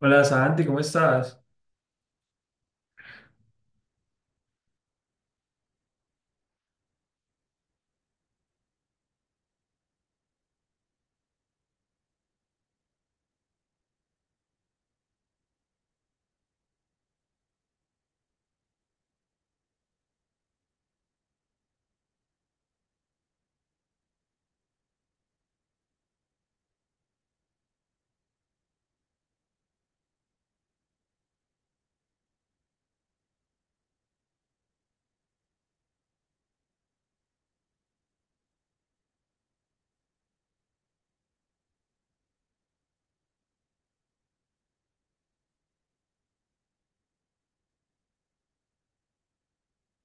Hola Santi, ¿cómo estás?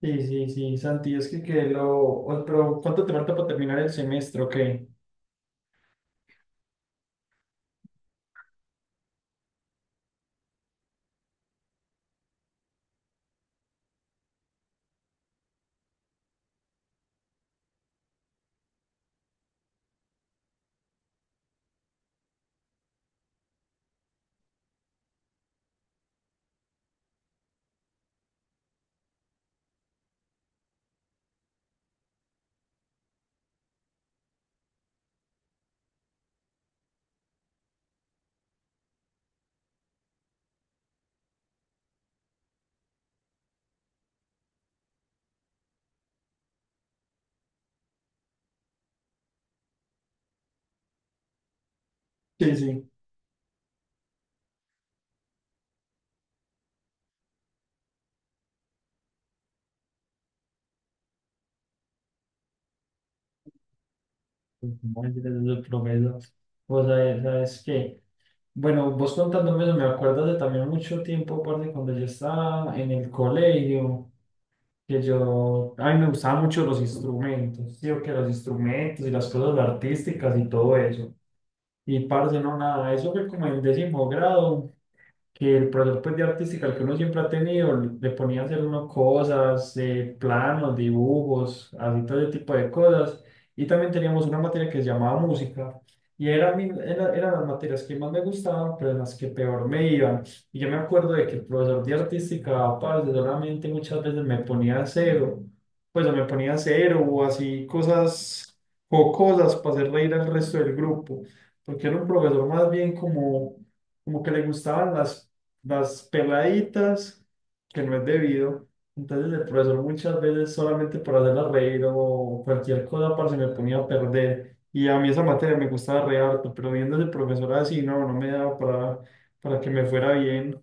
Sí, sí, sí, Santi, es que, Pero, ¿cuánto te falta para terminar el semestre o qué? Sí, sí. Pues, no, yo desde el promedio. Vos sabés, sabes qué. Bueno, vos contándome eso, me acuerdo de también mucho tiempo, parce, cuando yo estaba en el colegio, que a mí me gustaban mucho los instrumentos, sí, o que los instrumentos y las cosas artísticas y todo eso. Y, parce, no, nada, eso fue como en décimo grado. Que el profesor pues, de artística, el que uno siempre ha tenido, le ponía a hacer unas cosas, planos, dibujos, así todo ese tipo de cosas. Y también teníamos una materia que se llamaba música. Y eran las materias que más me gustaban, pero en las que peor me iban. Y yo me acuerdo de que el profesor de artística, parce, solamente muchas veces me ponía cero, pues o me ponía cero o así cosas o cosas para hacer reír al resto del grupo, porque era un profesor más bien como que le gustaban las peladitas, que no es debido. Entonces el profesor muchas veces solamente por hacerla reír o cualquier cosa, para se me ponía a perder. Y a mí esa materia me gustaba re harto, pero viendo ese profesor así, no, no me daba para que me fuera bien.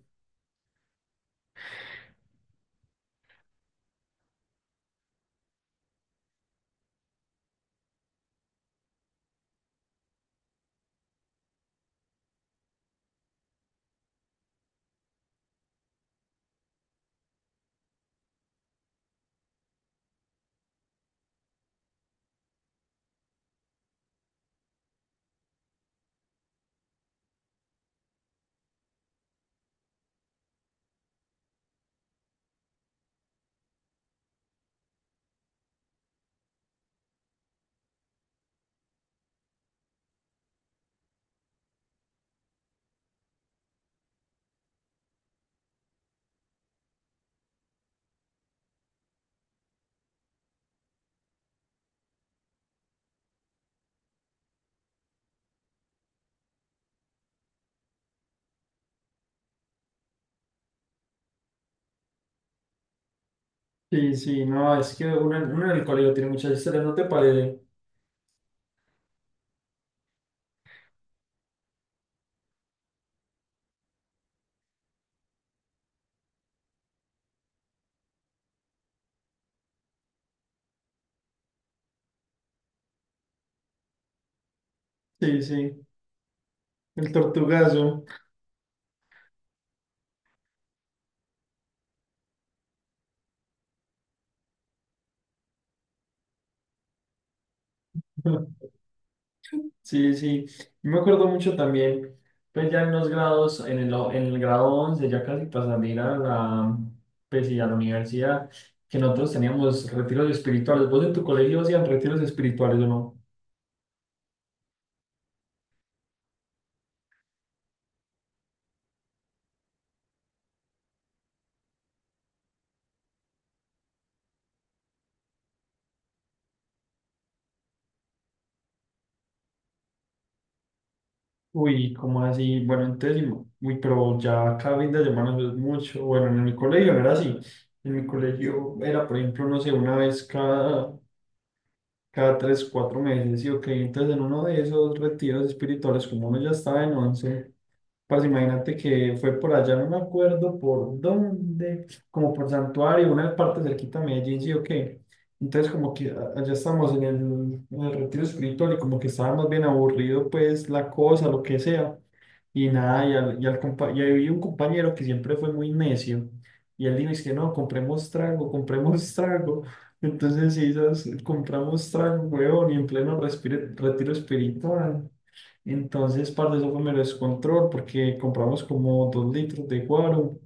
Sí, sí, no, es que uno en el colegio tiene muchas historias, ¿no te parece? Sí, sí, el tortugazo. Sí, sí, yo me acuerdo mucho también, pues ya en los grados, en el grado 11 ya casi pasando a la, pues sí, a la universidad, que nosotros teníamos retiros espirituales. ¿Vos en tu colegio hacían retiros espirituales o no? Uy, ¿cómo así? Bueno, uy, pero ya cada fin de semana eso es mucho. Bueno, en mi colegio no era así. En mi colegio era, por ejemplo, no sé, una vez cada tres, cuatro meses, y ok. Entonces en uno de esos retiros espirituales, como uno ya estaba en once. Pues imagínate que fue por allá, no me acuerdo por dónde, como por Santuario, una parte cerquita de Medellín, sí o qué. Entonces como allá estábamos en el retiro espiritual y como que estaba más bien aburrido pues la cosa, lo que sea. Y nada, y había un compañero que siempre fue muy necio. Y él dijo, es que no, compremos trago, compremos trago. Entonces sí, compramos trago, weón, y en pleno retiro espiritual. Entonces, parte eso fue mero descontrol porque compramos como dos litros de guaro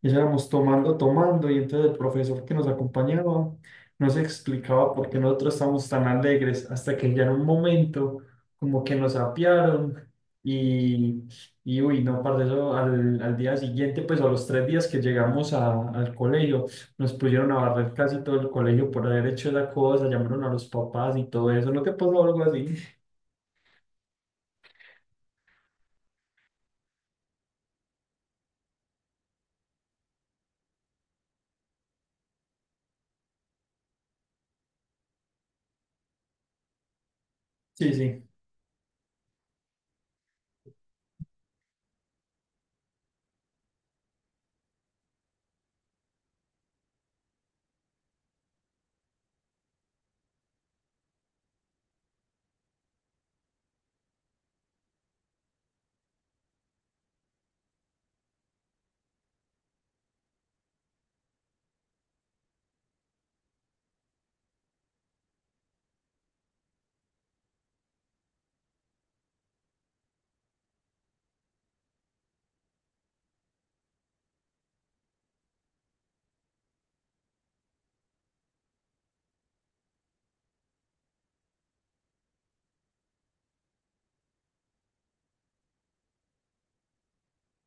y eso éramos tomando, tomando. Y entonces el profesor que nos acompañaba nos explicaba por qué nosotros estábamos tan alegres hasta que ya en un momento como que nos apiaron y, y uy, no, parte eso al día siguiente, pues a los tres días que llegamos al colegio, nos pusieron a barrer casi todo el colegio por haber hecho esa cosa, llamaron a los papás y todo eso. ¿No te pasó algo así? Sí, sí.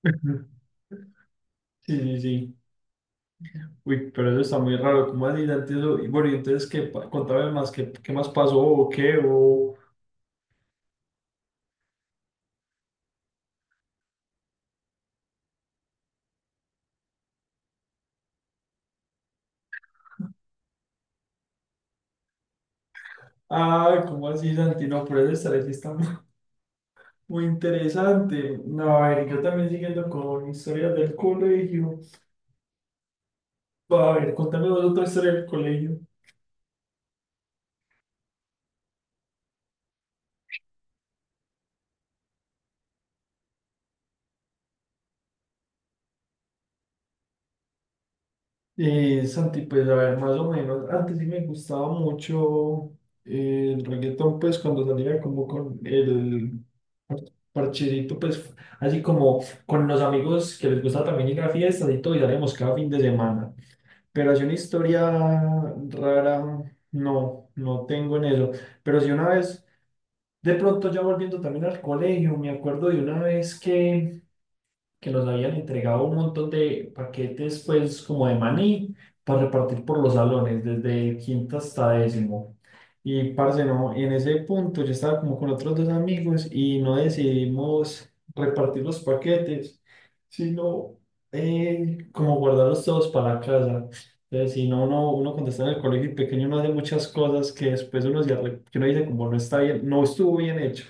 Sí, sí, sí. Uy, pero eso está muy raro, ¿cómo así, Dante, eso? Y bueno, y entonces, contame más, qué más pasó o qué? O... Ah, ¿cómo así, Santi? No, pero eso está muy, muy interesante. No, a ver, yo también siguiendo con historias del colegio. A ver, contame vos otra historia del colegio. Santi, pues a ver, más o menos, antes sí me gustaba mucho el reggaetón, pues cuando salía como con el parchecito, pues así como con los amigos que les gusta también ir a fiestas y todo, y salíamos cada fin de semana. Pero así una historia rara, no, no tengo en eso. Pero sí una vez, de pronto ya volviendo también al colegio, me acuerdo de una vez que los habían entregado un montón de paquetes, pues como de maní, para repartir por los salones, desde quinto hasta décimo. Y parce, no, en ese punto yo estaba como con otros dos amigos y no decidimos repartir los paquetes, sino como guardarlos todos para la casa. Entonces, si no, uno cuando está en el colegio y pequeño uno hace muchas cosas que después uno, que uno dice como no está bien, no estuvo bien hecho.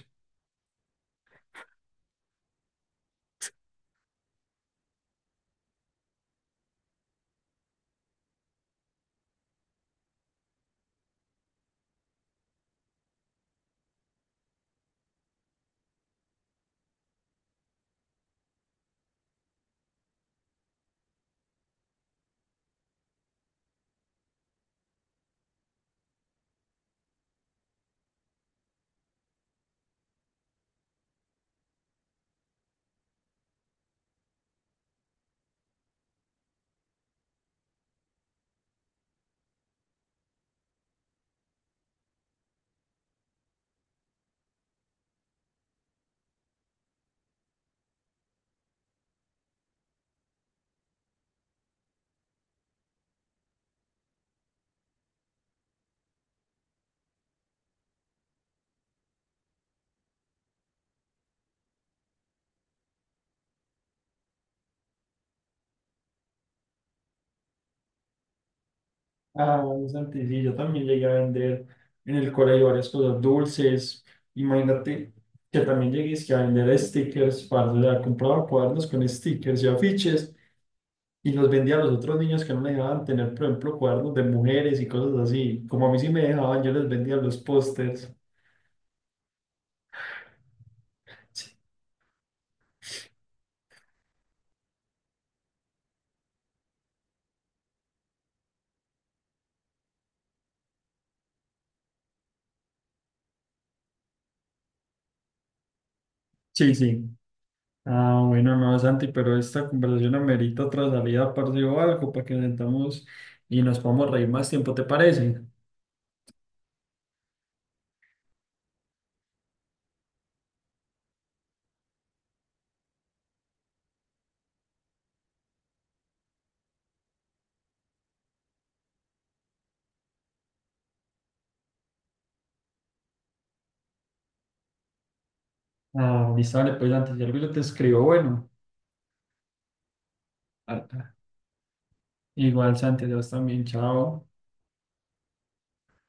Ah, bueno, Santi, sí, yo también llegué a vender en el colegio varias cosas dulces. Imagínate que también llegué es que a vender stickers. Para, o sea, compraba cuadernos con stickers y afiches y los vendía a los otros niños que no les dejaban tener, por ejemplo, cuadernos de mujeres y cosas así. Como a mí sí me dejaban, yo les vendía los pósters. Sí, sí. Ah, bueno, no, Santi, pero esta conversación amerita otra salida, parce, o algo, para que nos sentamos y nos podamos reír más tiempo, ¿te parece? Ah, listo, vale, pues Santi, si algo yo te escribo, bueno, ah, igual Santi, Dios también, chao.